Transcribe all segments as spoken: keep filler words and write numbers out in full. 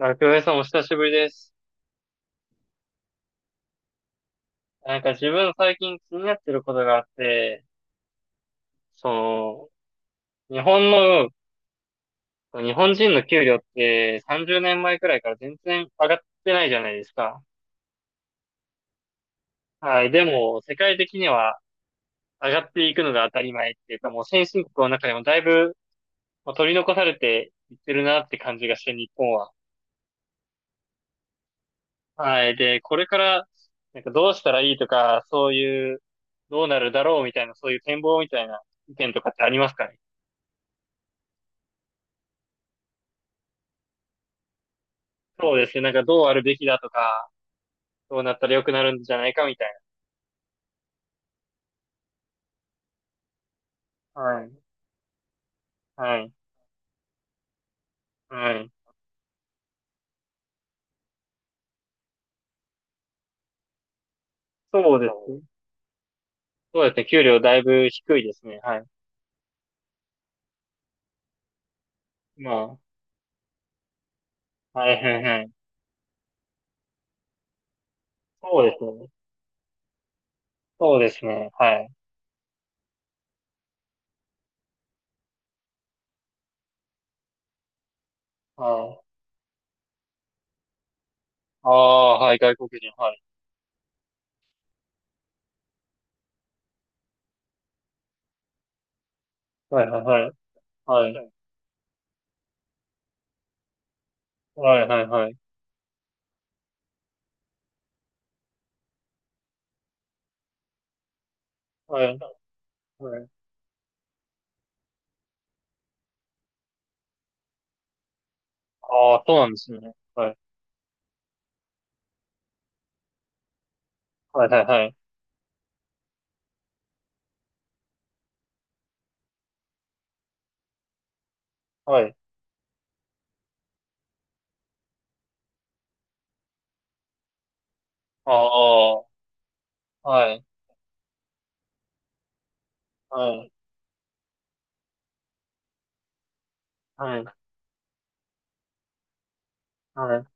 あ、久米さんお久しぶりです。なんか自分最近気になってることがあって、その、日本の、日本人の給料ってさんじゅうねんまえくらいから全然上がってないじゃないですか。はい。でも、世界的には上がっていくのが当たり前っていうか、もう先進国の中でもだいぶもう取り残されていってるなって感じがして、日本は。はい。で、これから、なんかどうしたらいいとか、そういう、どうなるだろうみたいな、そういう展望みたいな意見とかってありますかね。そうですね。なんかどうあるべきだとか、どうなったら良くなるんじゃないかみたいな。はい。はい。はい。そうですね。そうですね。給料だいぶ低いですね。はい。まあ、はいはいはい。そうですね。そうですね。はい。はい。ああ、はい。外国人。はい。はいはいはい。はい。はいはいはい。はい。はい。ああ、そうなんですね。はい。はいはいはい。はい。ああ、はい。はい。はい。はい。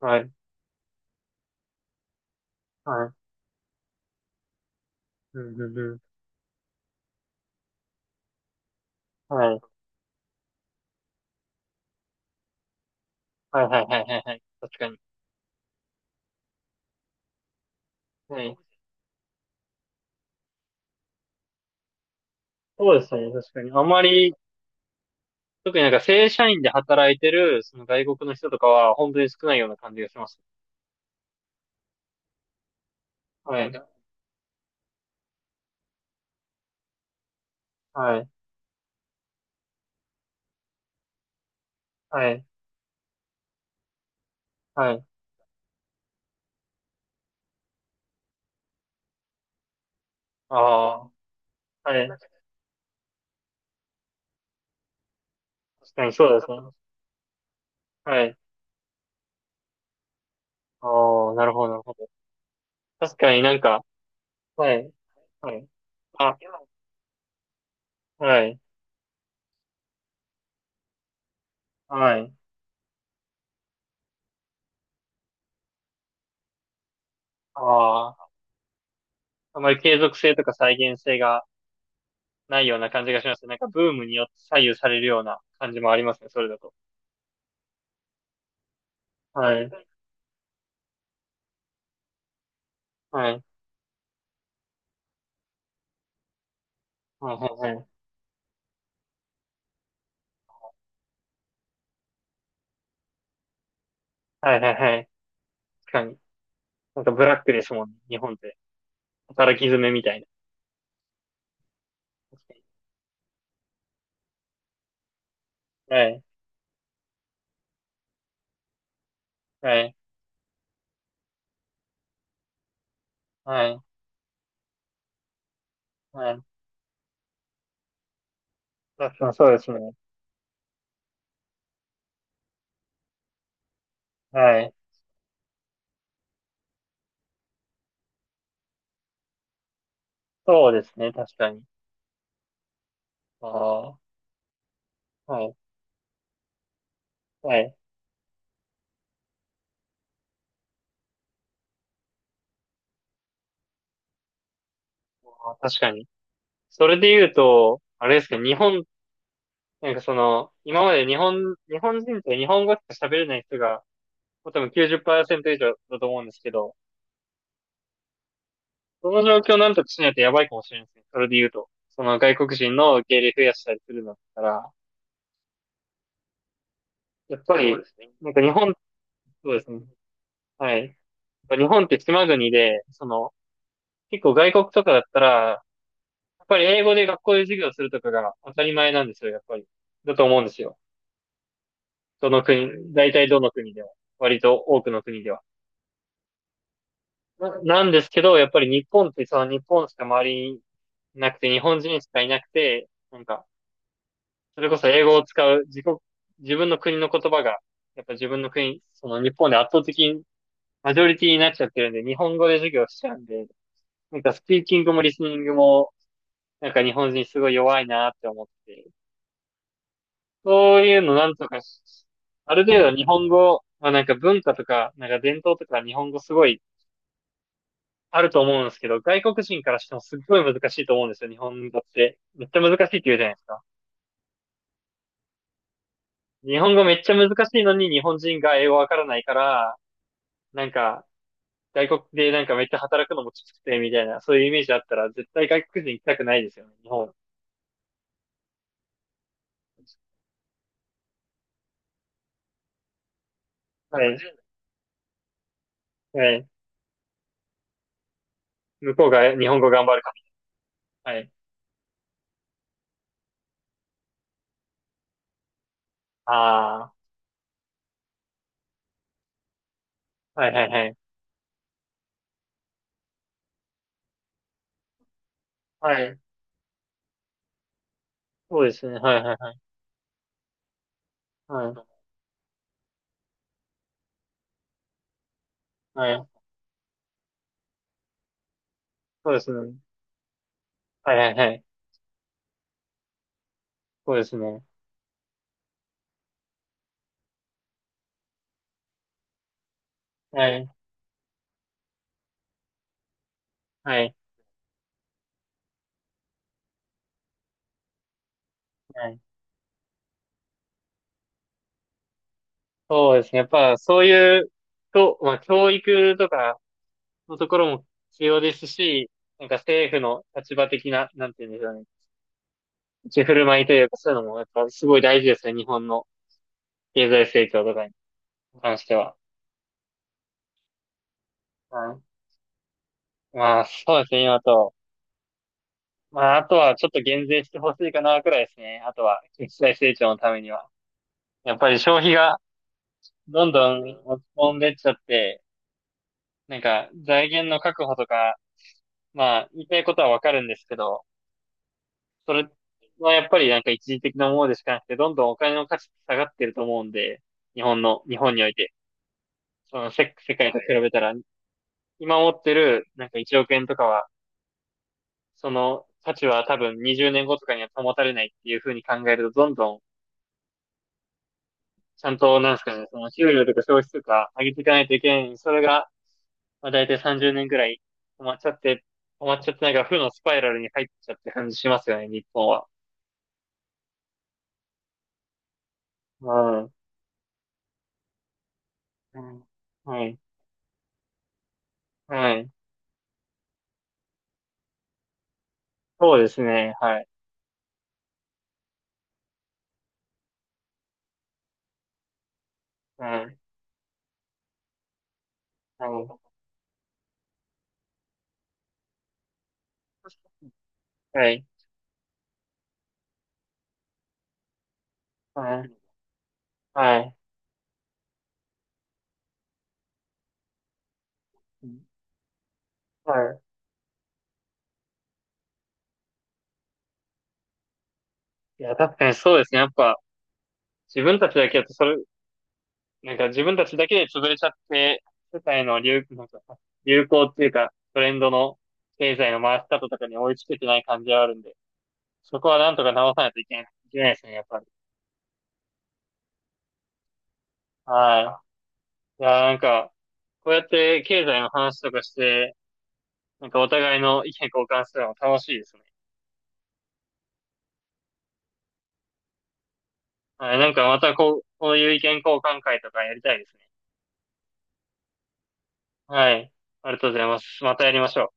はい。はい。うんうんうん。はい。はいはいはいはいはい。確かに。はい。そうですね、確かに。あまり、特になんか正社員で働いてる、その外国の人とかは、本当に少ないような感じがします。はい。はい。はい。はい。ああ、はい。確かにそうですね。はい。ああ、なるほど、なるほど。確かになんか、はい。はい。あ、はい。はい。ああ、あまり継続性とか再現性がないような感じがしますね。なんかブームによって左右されるような感じもありますね、それだと。はい。はい。はい、はい、はい。はい、はい、はい。確かに。なんかブラックですもんね、日本って。働き詰めみたいな。はい、はい、はい、はい。確かにそうですね。はい。そうですね、確かに。ああ、はい、はい。あー確かに。それで言うと、あれですけど、日本、なんかその、今まで日本、日本人って日本語しか喋れない人が、もう多分きゅうじゅっパーセント以上だと思うんですけど、その状況をなんとかしないとやばいかもしれないですね。それで言うと。その外国人の受け入れ増やしたりするのだったら、やっぱり、そうですねなんか日本、そうですね。はい。日本って島国で、その、結構外国とかだったら、やっぱり英語で学校で授業するとかが当たり前なんですよ、やっぱり。だと思うんですよ。どの国、大体どの国でも割と多くの国では。な、なんですけど、やっぱり日本ってその日本しか周りになくて、日本人しかいなくて、なんか、それこそ英語を使う自国、自分の国の言葉が、やっぱ自分の国、その日本で圧倒的にマジョリティになっちゃってるんで、日本語で授業しちゃうんで、なんかスピーキングもリスニングもなんか日本人すごい弱いなって思って、そういうのなんとかし、ある程度日本語、まあなんか文化とか、なんか伝統とか日本語すごいあると思うんですけど、外国人からしてもすっごい難しいと思うんですよ、日本語って。めっちゃ難しいって言うじゃないですか。日本語めっちゃ難しいのに日本人が英語わからないから、なんか外国でなんかめっちゃ働くのもきつくてみたいな、そういうイメージあったら絶対外国人行きたくないですよね、日本。はい。はい。向こうが日本語頑張るから。はい。ああ。はいはいはい。はい。そうですね。はいはいはい。はい。はい。そうですね。はいはいはい。そうですね。はい。はい。はい。そうですね。やっぱそういう、と、まあ教育とかのところも必要ですし、なんか政府の立場的な、なんていうんですかね。立ち振る舞いというかそういうのもやっぱすごい大事ですね。日本の経済成長とかに関しては。はい。まあそうですね。今と。まああとはちょっと減税してほしいかなくらいですね。あとは経済成長のためには。やっぱり消費がどんどん落ち込んでっちゃって、なんか財源の確保とか、まあ言いたいことはわかるんですけど、それはやっぱりなんか一時的なものでしかなくて、どんどんお金の価値って下がってると思うんで、日本の、日本において、その世、世界と比べたら、今持ってるなんかいちおく円とかは、その価値は多分にじゅうねんごとかには保たれないっていうふうに考えると、どんどんちゃんと、なんですかね、その給料とか消費とか上げていかないといけないのに、それがまあ、大体さんじゅうねんぐらい止まっちゃって、止まっちゃってなんか負のスパイラルに入っちゃって感じしますよね、日本は。うん。うん。はい。はい。そうですね。はい。うん。はい。はい。はい。はい。うんはい。いや、確かにそうですね。やっぱ、自分たちだけだと、それ、なんか自分たちだけで潰れちゃって、世界の流、なんか、流行っていうか、トレンドの経済の回し方とかに追いつけてない感じはあるんで、そこはなんとか直さないといけない、いけないですね、やっぱり。はい。いやー、なんか、こうやって経済の話とかして、なんかお互いの意見交換するの楽しいですね。はい、なんかまたこう、こういう意見交換会とかやりたいですね。はい、ありがとうございます。またやりましょう。